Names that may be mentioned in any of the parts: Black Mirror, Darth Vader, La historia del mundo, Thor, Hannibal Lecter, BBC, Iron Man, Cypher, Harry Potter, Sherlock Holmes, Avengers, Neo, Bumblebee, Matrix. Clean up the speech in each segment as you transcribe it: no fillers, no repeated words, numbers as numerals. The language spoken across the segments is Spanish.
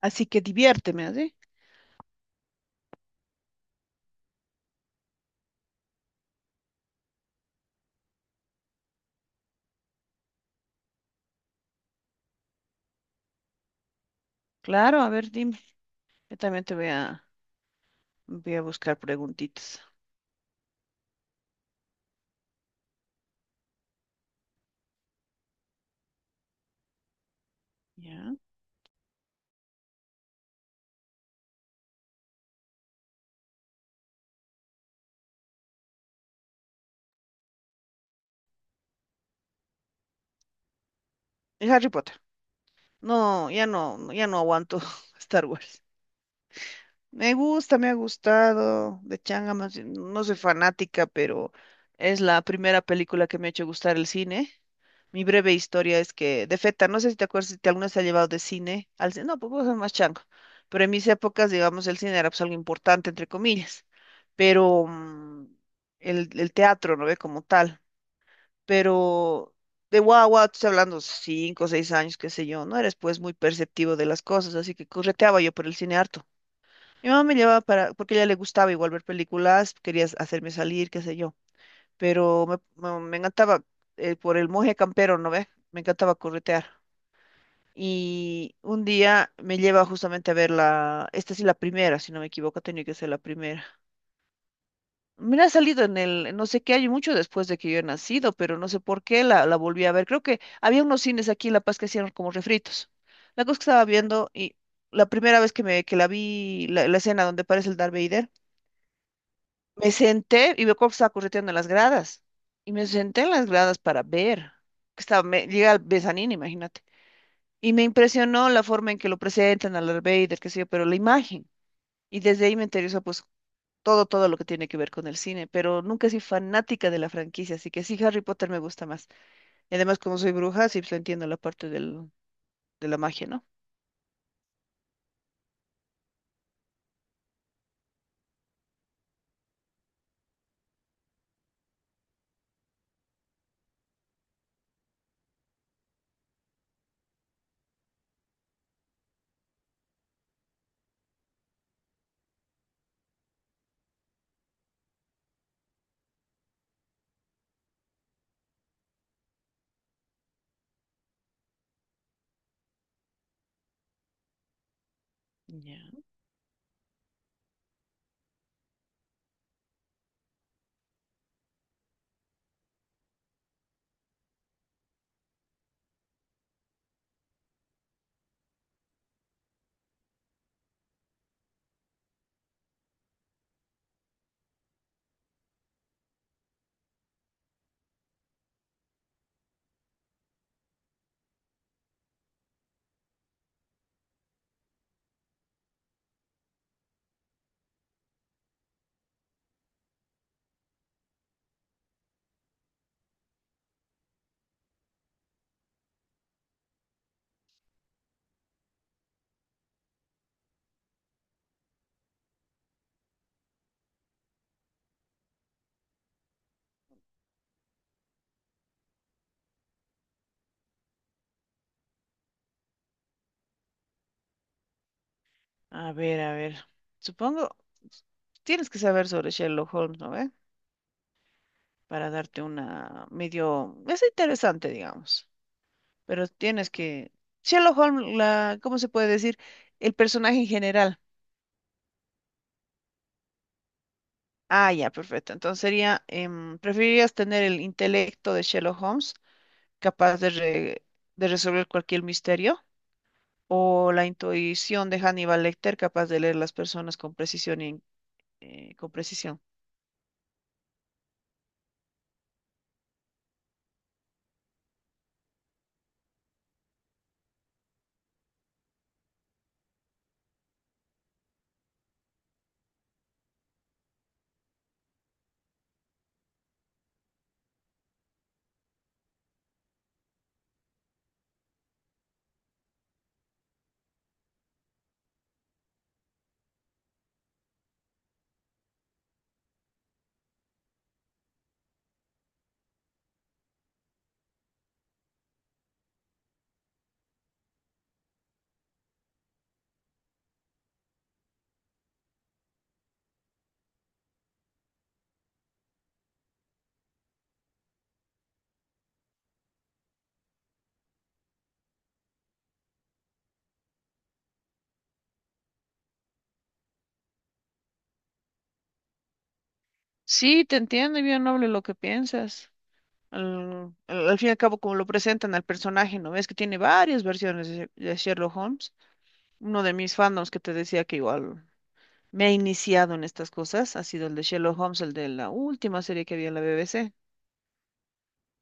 Así que diviérteme, ¿así? Claro, a ver, dime. Yo también te voy a, voy a buscar preguntitas. ¿Ya? Y Harry Potter. No, ya no, no, ya no aguanto Star Wars. Me gusta, me ha gustado. De changa más, bien, no soy fanática, pero es la primera película que me ha hecho gustar el cine. Mi breve historia es que, de Feta, no sé si te acuerdas si te alguna vez te ha llevado de cine al cine. No, pues vos sos más chango. Pero en mis épocas, digamos, el cine era pues algo importante, entre comillas. Pero el teatro, ¿no ve? Como tal. Pero de guagua, tú estás hablando cinco o seis años, qué sé yo, no eres pues muy perceptivo de las cosas, así que correteaba yo por el cine harto. Mi mamá me llevaba para, porque a ella le gustaba igual ver películas, quería hacerme salir, qué sé yo, pero me encantaba, por el moje campero, ¿no ves? Me encantaba corretear. Y un día me lleva justamente a ver la, esta sí la primera, si no me equivoco, tenía que ser la primera. Mira, ha salido en el, no sé qué año, mucho después de que yo he nacido, pero no sé por qué la volví a ver. Creo que había unos cines aquí en La Paz que hacían como refritos. La cosa que estaba viendo y la primera vez que me que la vi, la escena donde aparece el Darth Vader. Me senté y veo cómo estaba correteando en las gradas. Y me senté en las gradas para ver. Que estaba, me, llega el Besanín, imagínate. Y me impresionó la forma en que lo presentan a Darth Vader, qué sé yo, pero la imagen. Y desde ahí me interesó pues todo lo que tiene que ver con el cine. Pero nunca soy fanática de la franquicia, así que sí, Harry Potter me gusta más. Y además, como soy bruja, sí pues, entiendo la parte del, de la magia, ¿no? Ya. A ver, a ver. Supongo, tienes que saber sobre Sherlock Holmes, ¿no ve? Para darte una medio, es interesante, digamos, pero tienes que, Sherlock Holmes, la, ¿cómo se puede decir? El personaje en general. Ah, ya, perfecto. Entonces sería, ¿preferirías tener el intelecto de Sherlock Holmes, capaz de, de resolver cualquier misterio, o la intuición de Hannibal Lecter, capaz de leer las personas con precisión y con precisión? Sí, te entiendo, y bien noble lo que piensas. Al fin y al cabo, como lo presentan al personaje, ¿no ves? Que tiene varias versiones de Sherlock Holmes. Uno de mis fandoms que te decía que igual me ha iniciado en estas cosas ha sido el de Sherlock Holmes, el de la última serie que había en la BBC.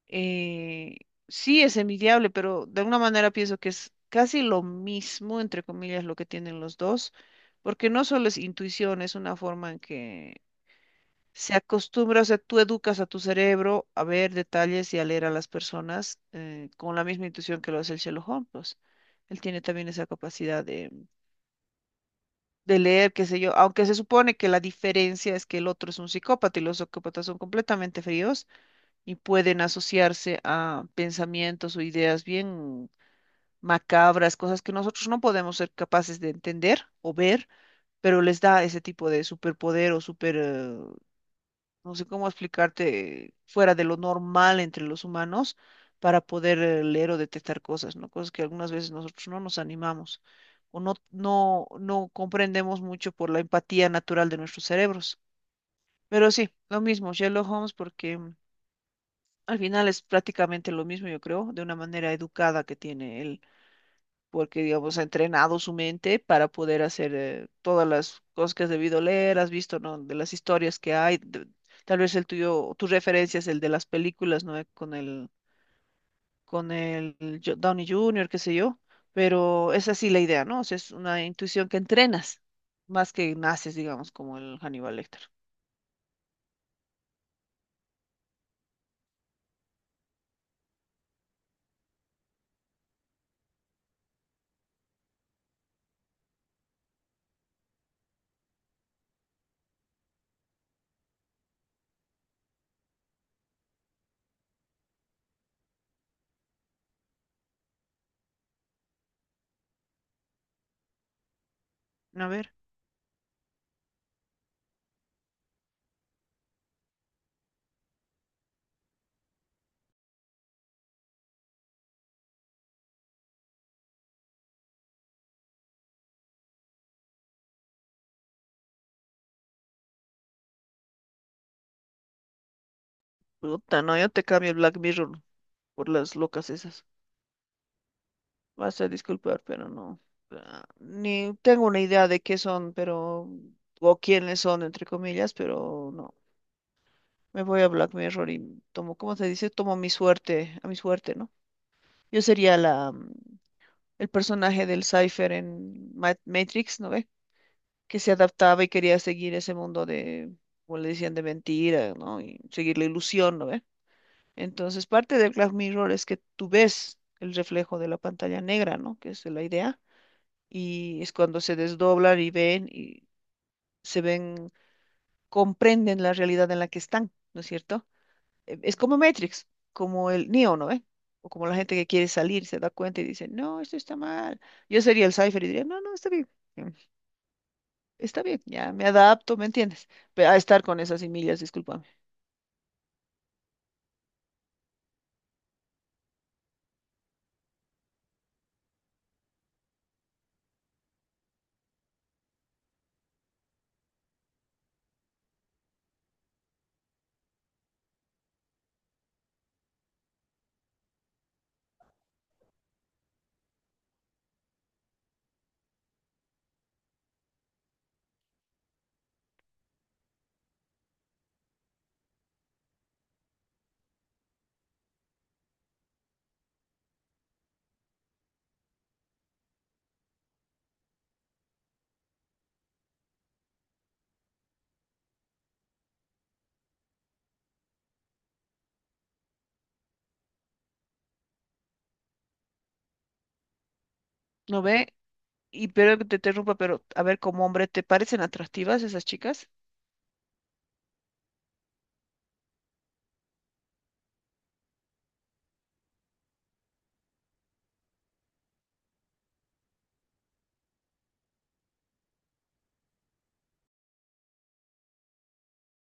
Eh, sí, es envidiable, pero de alguna manera pienso que es casi lo mismo, entre comillas, lo que tienen los dos, porque no solo es intuición, es una forma en que se acostumbra, o sea, tú educas a tu cerebro a ver detalles y a leer a las personas, con la misma intuición que lo hace el Sherlock Holmes, pues. Él tiene también esa capacidad de leer, qué sé yo, aunque se supone que la diferencia es que el otro es un psicópata y los psicópatas son completamente fríos y pueden asociarse a pensamientos o ideas bien macabras, cosas que nosotros no podemos ser capaces de entender o ver, pero les da ese tipo de superpoder o super, no sé cómo explicarte, fuera de lo normal entre los humanos para poder, leer o detectar cosas, ¿no? Cosas que algunas veces nosotros no nos animamos o no comprendemos mucho por la empatía natural de nuestros cerebros. Pero sí, lo mismo, Sherlock Holmes, porque al final es prácticamente lo mismo, yo creo, de una manera educada que tiene él porque, digamos, ha entrenado su mente para poder hacer, todas las cosas que has debido leer, has visto, ¿no? De las historias que hay, de tal vez el tuyo, tu referencia es el de las películas, ¿no? Con el Downey Junior, qué sé yo, pero es así la idea, ¿no? O sea, es una intuición que entrenas, más que naces, digamos, como el Hannibal Lecter. A ver, puta, no, yo te cambio el Black Mirror por las locas esas. Vas a disculpar, pero no. Ah, ni tengo una idea de qué son, pero, o quiénes son, entre comillas, pero no. Me voy a Black Mirror y tomo, ¿cómo se dice? Tomo mi suerte, a mi suerte, ¿no? Yo sería la, el personaje del Cypher en Matrix, ¿no ve? Que se adaptaba y quería seguir ese mundo de, como le decían, de mentira, ¿no? Y seguir la ilusión, ¿no ve? Entonces, parte del Black Mirror es que tú ves el reflejo de la pantalla negra, ¿no? Que es la idea, y es cuando se desdoblan y ven y se ven, comprenden la realidad en la que están, ¿no es cierto? Es como Matrix, como el Neo, ¿no ve? O como la gente que quiere salir, se da cuenta y dice, no, esto está mal. Yo sería el Cypher y diría, no, no, está bien, mm, está bien, ya me adapto, ¿me entiendes? A estar con esas semillas, discúlpame. ¿No ve? Y pero que te interrumpa, pero a ver, como hombre, ¿te parecen atractivas esas chicas?